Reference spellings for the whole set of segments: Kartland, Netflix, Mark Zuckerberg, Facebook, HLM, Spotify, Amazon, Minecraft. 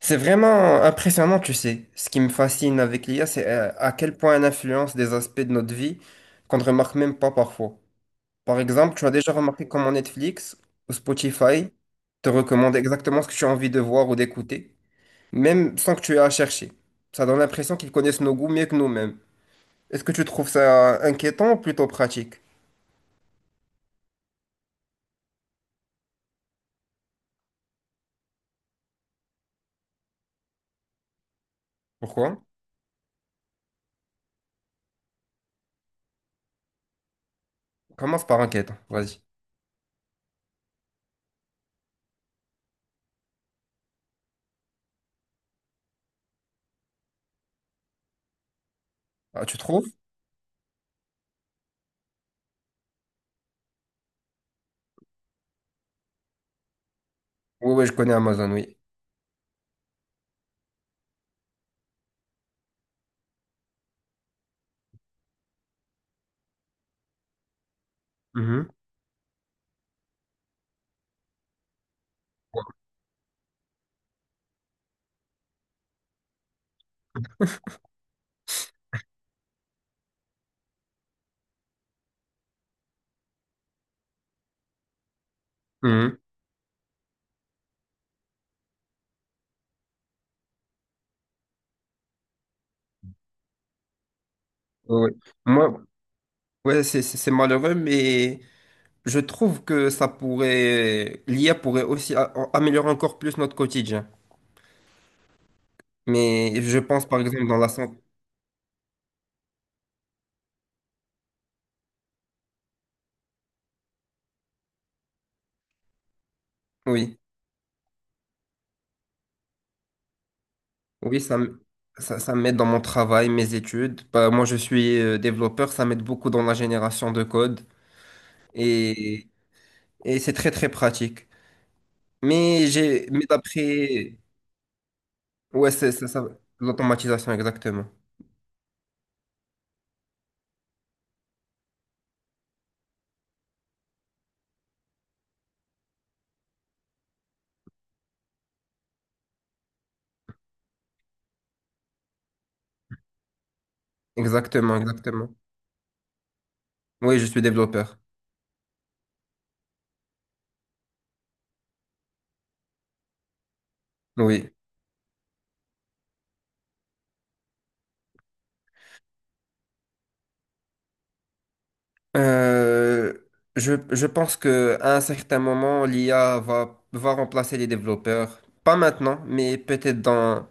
C'est vraiment impressionnant, tu sais. Ce qui me fascine avec l'IA, c'est à quel point elle influence des aspects de notre vie qu'on ne remarque même pas parfois. Par exemple, tu as déjà remarqué comment Netflix ou Spotify te recommandent exactement ce que tu as envie de voir ou d'écouter, même sans que tu aies à chercher. Ça donne l'impression qu'ils connaissent nos goûts mieux que nous-mêmes. Est-ce que tu trouves ça inquiétant ou plutôt pratique? Pourquoi? Commence par inquiétant, vas-y. Ah, tu trouves? Oui, oui, je connais Amazon, oui. Mhm, mhm, oui, oui. Moi, ouais, c'est malheureux, mais je trouve que ça pourrait, l'IA pourrait aussi améliorer encore plus notre quotidien. Mais je pense par exemple dans la santé. Oui, oui, ça, ça m'aide dans mon travail, mes études. Bah, moi, je suis développeur, ça m'aide beaucoup dans la génération de code et, et c'est très très pratique. Mais ouais, c'est ça, l'automatisation, exactement, exactement, exactement. Oui, je suis développeur. Oui. Euh, je pense que à un certain moment, l'IA va remplacer les développeurs. Pas maintenant, mais peut-être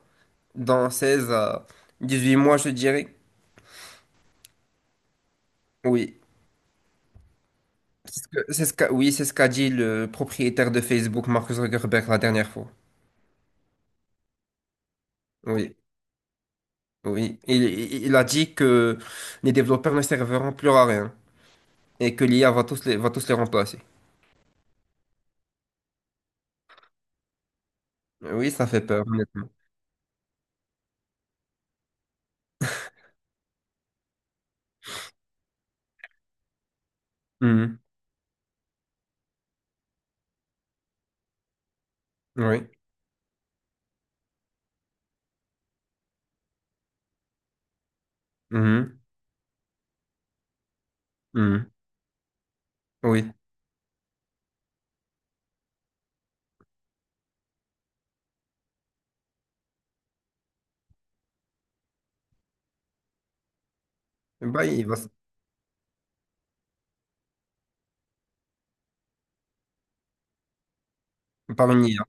dans 16 à 18 mois, je dirais. Oui, c'est ce que- c'est ce qu'a, oui, c'est ce qu'a dit le propriétaire de Facebook, Mark Zuckerberg, la dernière fois. Oui, oui. Il a dit que les développeurs ne serviront plus à rien et que l'IA va tous les remplacer. Oui, ça fait peur, honnêtement. Mhm. Oui. Mhm. Mhm. Oui. Bah, il va, Par une IA,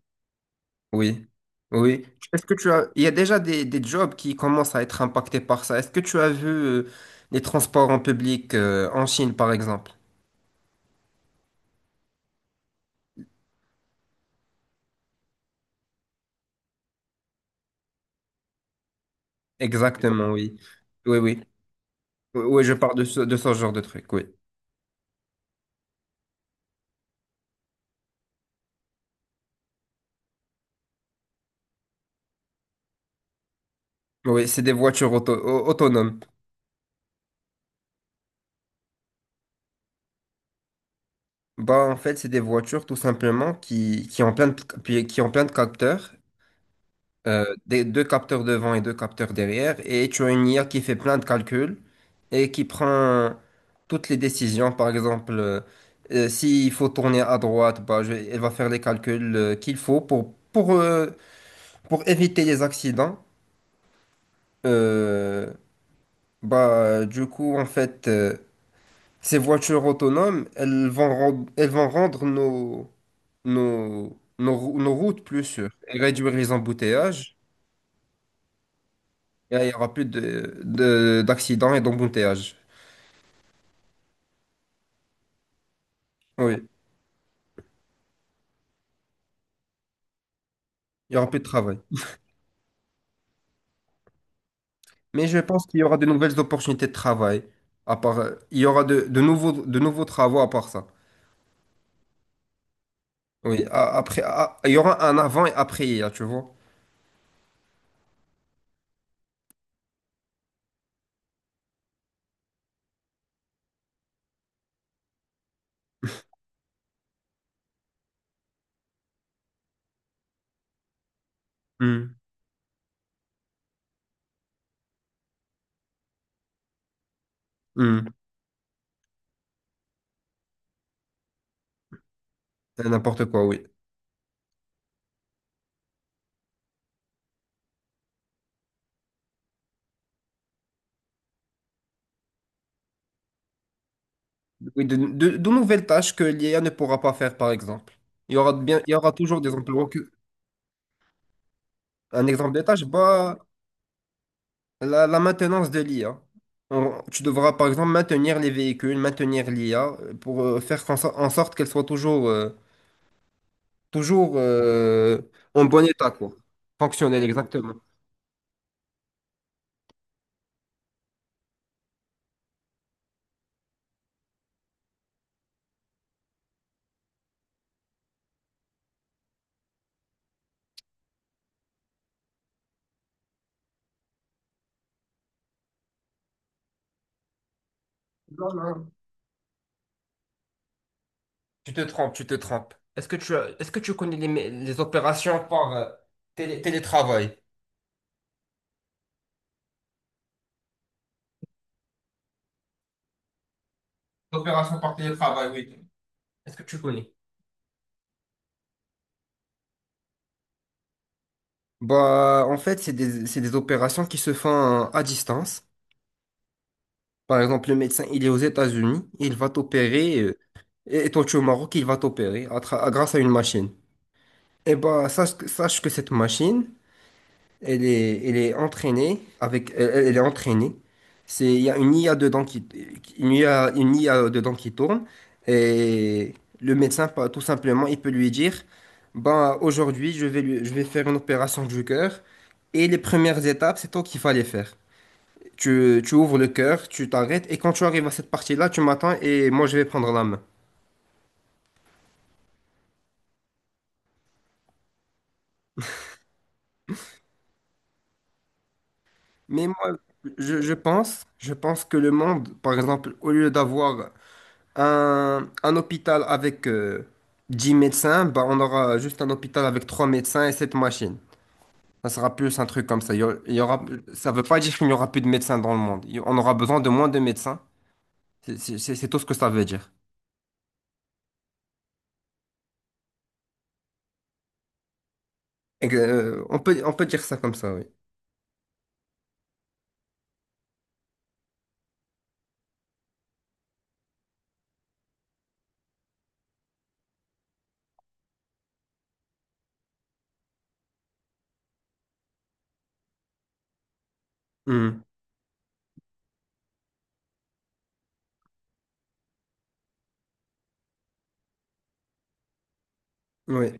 oui. Oui. Est-ce que tu as... Il y a déjà des jobs qui commencent à être impactés par ça. Est-ce que tu as vu les transports en public en Chine, par exemple? Exactement, oui. Oui, oui. Oui, oui, je parle de ce genre de truc, oui. Oui, c'est des voitures autonomes. Bah, en fait, c'est des voitures tout simplement qui ont qui ont plein de capteurs des deux capteurs devant et deux capteurs derrière, et tu as une IA qui fait plein de calculs et qui prend toutes les décisions. Par exemple, s'il faut tourner à droite, bah, elle va faire les calculs qu'il faut pour éviter les accidents. Euh, bah, du coup, en fait, ces voitures autonomes, elles vont rendre nos routes plus sûres et réduire les embouteillages. Et là, il y aura plus d'accidents et d'embouteillages. Oui, il y aura plus de travail. Mais je pense qu'il y aura de nouvelles opportunités de travail. À part, il y aura de nouveaux travaux à part ça. Oui, il y aura un avant et après hier, tu vois. Hmm, hmm. N'importe quoi, oui. Oui, de nouvelles tâches que l'IA ne pourra pas faire, par exemple. Il y aura bien, il y aura toujours des emplois que, un exemple des tâches, bah, la maintenance de l'IA. Tu devras par exemple maintenir les véhicules, maintenir l'IA pour faire qu'en en sorte qu'elle soit toujours, toujours euh, en bon état, quoi. Fonctionnelle, exactement. Non, non. Tu te trompes, tu te trompes. Est-ce que tu connais les opérations par télétravail? Opérations par télétravail, oui. Est-ce que tu connais? Bah, en fait, c'est des opérations qui se font à distance. Par exemple, le médecin, il est aux États-Unis, il va t'opérer, et toi, tu es au Maroc, il va t'opérer grâce à une machine. Eh ben, sache que cette machine, elle est entraînée avec, elle est entraînée. C'est, il y a une IA dedans qui, une IA dedans qui tourne, et le médecin, tout simplement, il peut lui dire, ben, aujourd'hui, je vais faire une opération du cœur, et les premières étapes, c'est toi qui vas les faire. Tu ouvres le cœur, tu t'arrêtes, et quand tu arrives à cette partie-là, tu m'attends et moi je vais prendre la main. Mais moi, je pense que le monde, par exemple, au lieu d'avoir un hôpital avec 10 médecins, bah, on aura juste un hôpital avec 3 médecins et 7 machines. Ça sera plus un truc comme ça. Ça veut pas dire qu'il n'y aura plus de médecins dans le monde. On aura besoin de moins de médecins. C'est tout ce que ça veut dire. Et que, on peut dire ça comme ça, oui. Hmm. Oui.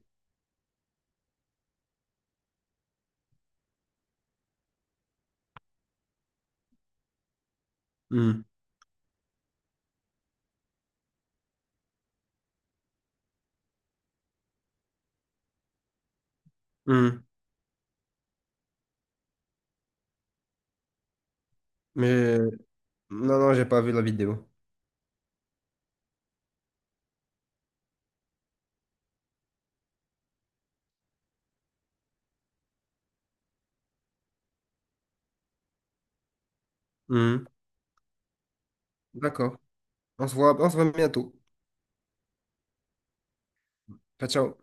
Hmm. Hmm. Mais non, non, j'ai pas vu la vidéo. Mhm. D'accord. On se voit bientôt. Ciao, ciao.